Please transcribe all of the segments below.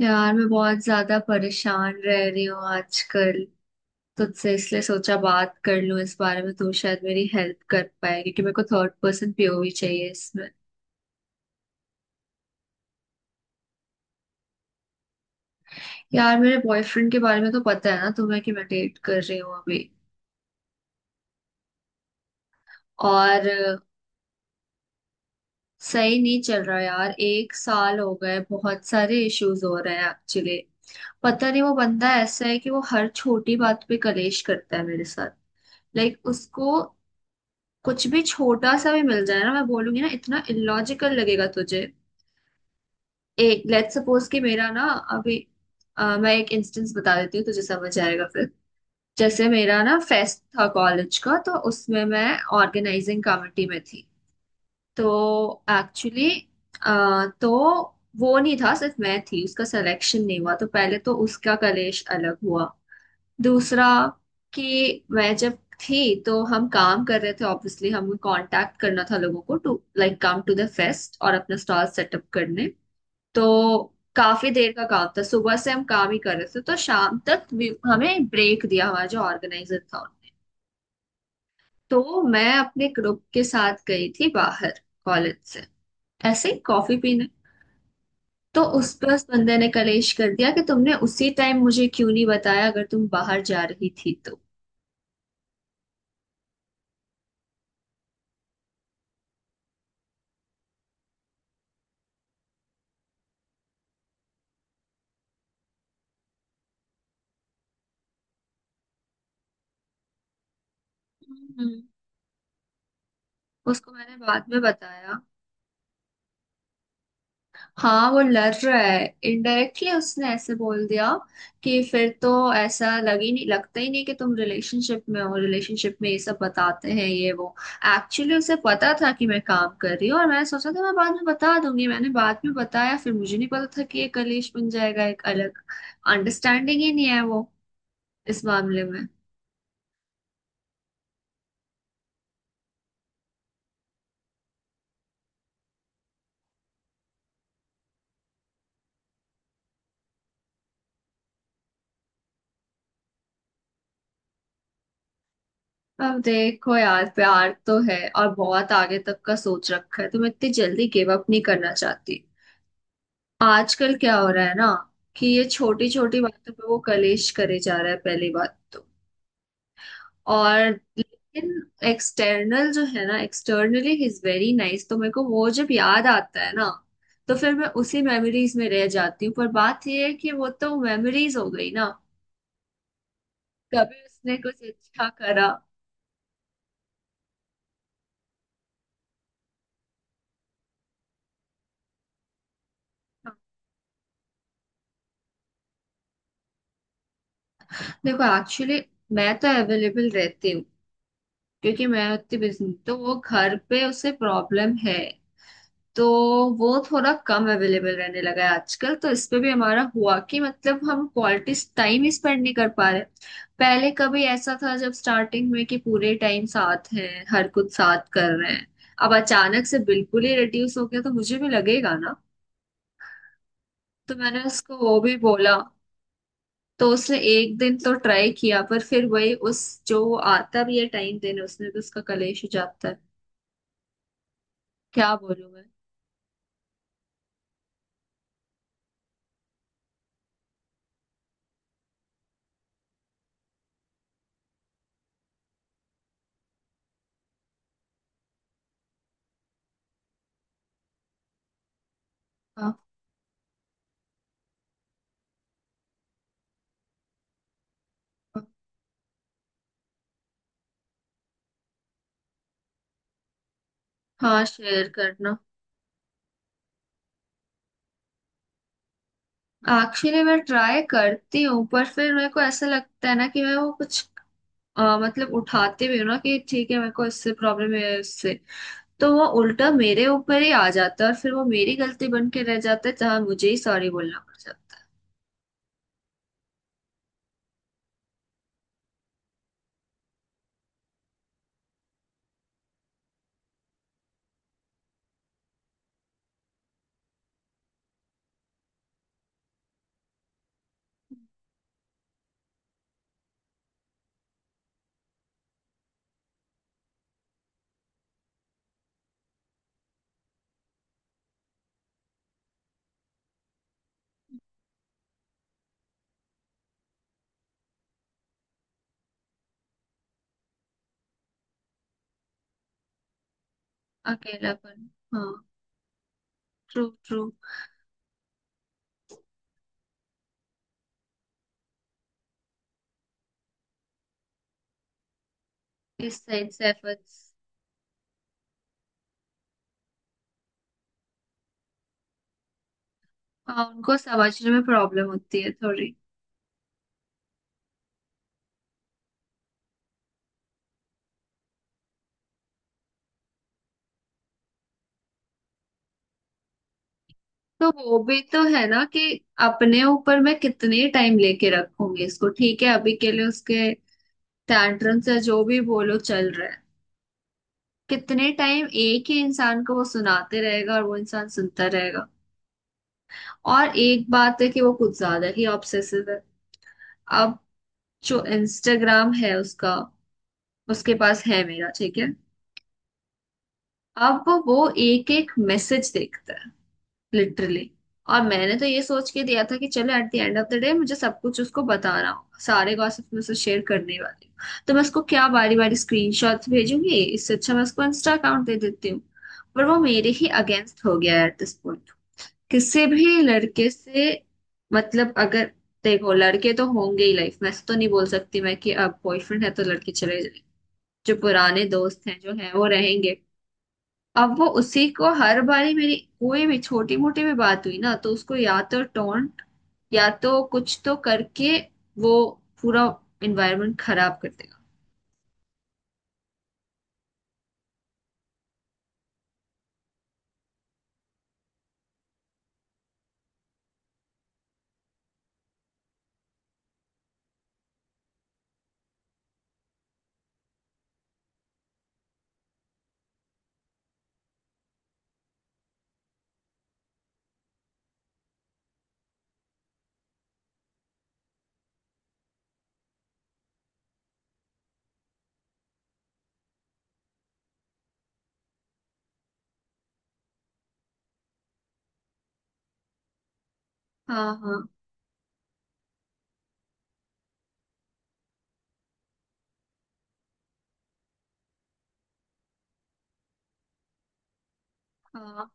यार मैं बहुत ज्यादा परेशान रह रही हूँ आजकल। तुझसे इसलिए सोचा बात कर लूँ इस बारे में। तू शायद मेरी हेल्प कर पाए क्योंकि मेरे को थर्ड पर्सन पीओवी चाहिए इसमें। यार मेरे बॉयफ्रेंड के बारे में तो पता है ना तुम्हें कि मैं डेट कर रही हूँ अभी। और सही नहीं चल रहा यार। एक साल हो गए, बहुत सारे इश्यूज हो रहे हैं एक्चुअली। पता नहीं, वो बंदा ऐसा है कि वो हर छोटी बात पे कलेश करता है मेरे साथ। लाइक उसको कुछ भी छोटा सा भी मिल जाए ना, मैं बोलूंगी ना इतना इलॉजिकल लगेगा तुझे। एक लेट्स सपोज कि मेरा ना अभी मैं एक इंस्टेंस बता देती हूँ तुझे समझ आएगा फिर। जैसे मेरा ना फेस्ट था कॉलेज का, तो उसमें मैं ऑर्गेनाइजिंग कमेटी में थी। तो एक्चुअली तो वो नहीं था, सिर्फ मैं थी, उसका सिलेक्शन नहीं हुआ तो पहले तो उसका कलेश अलग हुआ। दूसरा कि मैं जब थी तो हम काम कर रहे थे। ऑब्वियसली हमें कांटेक्ट करना था लोगों को to like come to the fest और अपना स्टॉल सेटअप करने। तो काफी देर का काम था, सुबह से हम काम ही कर रहे थे, तो शाम तक भी हमें ब्रेक दिया हमारा जो ऑर्गेनाइजर था उन्होंने। तो मैं अपने ग्रुप के साथ गई थी बाहर, कॉलेज से, ऐसे ही कॉफी पीने। तो उस पर उस बंदे ने कलेश कर दिया कि तुमने उसी टाइम मुझे क्यों नहीं बताया अगर तुम बाहर जा रही थी। तो उसको मैंने बाद में बताया। हाँ, वो लड़ रहा है। इनडायरेक्टली उसने ऐसे बोल दिया कि फिर तो ऐसा लग ही नहीं लगता ही नहीं कि तुम रिलेशनशिप में हो, रिलेशनशिप में ये सब बताते हैं ये वो। एक्चुअली उसे पता था कि मैं काम कर रही हूँ और मैंने सोचा था मैं बाद में बता दूंगी। मैंने बाद में बताया, फिर मुझे नहीं पता था कि ये कलेश बन जाएगा एक अलग। अंडरस्टैंडिंग ही नहीं है वो इस मामले में। अब देखो यार, प्यार तो है और बहुत आगे तक का सोच रखा है, तुम इतनी जल्दी गिव अप नहीं करना चाहती। आजकल क्या हो रहा है ना कि ये छोटी छोटी बातों पे वो कलेश करे जा रहा है पहली बात तो। और लेकिन एक्सटर्नल जो है ना, एक्सटर्नली ही इज वेरी नाइस, तो मेरे को वो जब याद आता है ना तो फिर मैं उसी मेमोरीज में रह जाती हूँ। पर बात ये है कि वो तो मेमोरीज हो गई ना। कभी उसने कुछ अच्छा करा। देखो एक्चुअली मैं तो अवेलेबल रहती हूँ क्योंकि मैं उतनी बिजी तो वो घर पे उसे प्रॉब्लम है। तो वो थोड़ा कम अवेलेबल रहने लगा है आजकल, तो इस पे भी हमारा हुआ कि मतलब हम क्वालिटी टाइम ही स्पेंड नहीं कर पा रहे। पहले कभी ऐसा था जब स्टार्टिंग में कि पूरे टाइम साथ हैं, हर कुछ साथ कर रहे हैं। अब अचानक से बिल्कुल ही रिड्यूस हो गया तो मुझे भी लगेगा ना। तो मैंने उसको वो भी बोला। तो उसने एक दिन तो ट्राई किया पर फिर वही उस जो आता भी है टाइम देने उसने भी उसका कलेश हो जाता है। क्या बोलूं मैं। हाँ हाँ, शेयर करना। एक्चुअली मैं ट्राई करती हूँ पर फिर मेरे को ऐसा लगता है ना कि मैं वो कुछ मतलब उठाते भी हूँ ना कि ठीक है मेरे को इससे प्रॉब्लम है, इससे। तो वो उल्टा मेरे ऊपर ही आ जाता है और फिर वो मेरी गलती बन के रह जाता है जहाँ मुझे ही सॉरी बोलना पड़ जाता है। अकेलापन। हाँ। True true. इस साइड से एफर्ट्स। हाँ, उनको समझने में प्रॉब्लम होती है थोड़ी। तो वो भी तो है ना कि अपने ऊपर मैं कितने टाइम लेके रखूंगी इसको। ठीक है अभी के लिए उसके टैंट्रम से जो भी बोलो चल रहा है। कितने टाइम एक ही इंसान को वो सुनाते रहेगा और वो इंसान सुनता रहेगा। और एक बात है कि वो कुछ ज्यादा ही ऑब्सेसिव है। अब जो इंस्टाग्राम है उसका, उसके पास है मेरा, ठीक है। अब वो एक एक मैसेज देखता है, लिटरली। और मैंने तो ये सोच के दिया था कि चलो at the end of the day मुझे सब कुछ उसको बताना होगा, सारे गॉसिप में से शेयर करने वाली हूँ तो मैं उसको क्या बारी बारी स्क्रीनशॉट्स भेजूंगी, इससे अच्छा मैं उसको इंस्टा अकाउंट दे देती हूँ। पर वो मेरे ही अगेंस्ट हो गया है एट दिस पॉइंट। किसी भी लड़के से मतलब अगर। देखो लड़के तो होंगे ही लाइफ में, ऐसा तो नहीं बोल सकती मैं कि अब बॉयफ्रेंड है तो लड़के चले जाए। जो पुराने दोस्त हैं जो हैं वो रहेंगे। अब वो उसी को हर बारी मेरी कोई भी छोटी मोटी भी बात हुई ना तो उसको या तो टोंट या तो कुछ तो करके वो पूरा इन्वायरमेंट खराब कर देगा। हाँ हाँ हाँ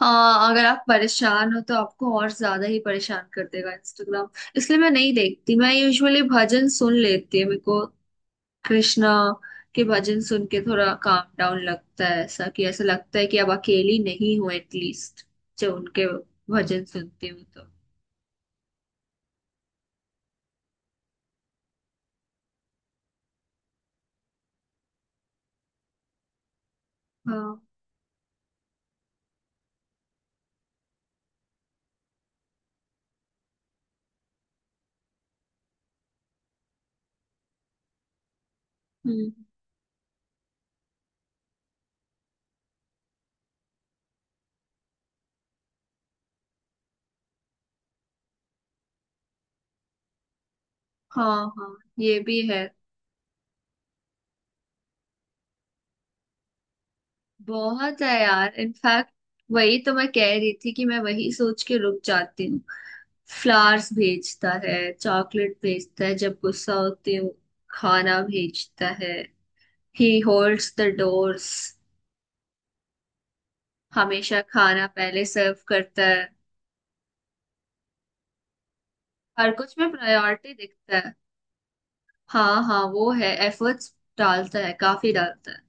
हाँ। अगर आप परेशान हो तो आपको और ज्यादा ही परेशान कर देगा इंस्टाग्राम। इसलिए मैं नहीं देखती, मैं यूजुअली भजन सुन लेती है मेरे को। कृष्णा के भजन सुन के थोड़ा काम डाउन लगता है, ऐसा कि ऐसा लगता है कि अब अकेली नहीं हूँ एटलीस्ट जब उनके भजन सुनती हूँ तो। हाँ। हम्म। हाँ हाँ। ये भी है। बहुत है यार इनफैक्ट। वही तो मैं कह रही थी कि मैं वही सोच के रुक जाती हूँ। फ्लावर्स भेजता है, चॉकलेट भेजता है जब गुस्सा होती हूँ, खाना भेजता है। ही होल्ड्स द डोर्स। हमेशा खाना पहले सर्व करता है। हर कुछ में प्रायोरिटी दिखता है। हाँ हाँ, वो है, एफर्ट्स डालता है, काफी डालता है।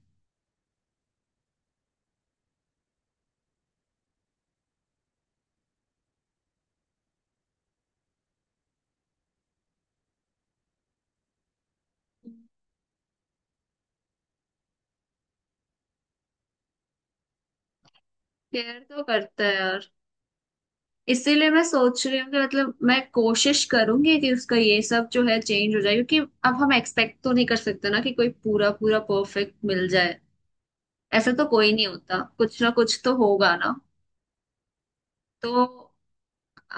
केयर तो करता है यार। इसीलिए मैं सोच रही हूँ कि मतलब मैं कोशिश करूंगी कि उसका ये सब जो है चेंज हो जाए क्योंकि अब हम एक्सपेक्ट तो नहीं कर सकते ना कि कोई पूरा पूरा परफेक्ट मिल जाए। ऐसा तो कोई नहीं होता, कुछ ना कुछ तो होगा ना। तो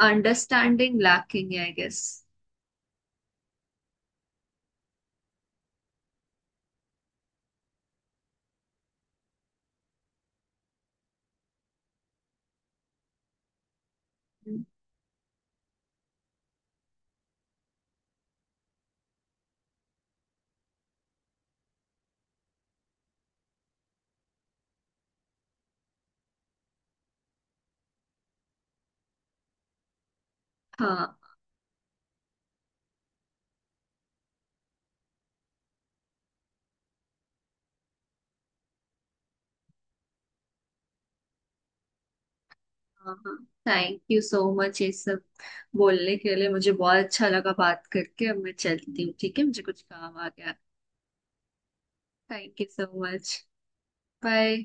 अंडरस्टैंडिंग लैकिंग है आई गेस। हाँ हाँ हाँ। थैंक यू सो मच ये सब बोलने के लिए, मुझे बहुत अच्छा लगा बात करके। अब मैं चलती हूँ ठीक है, मुझे कुछ काम आ गया। Thank you so much. Bye.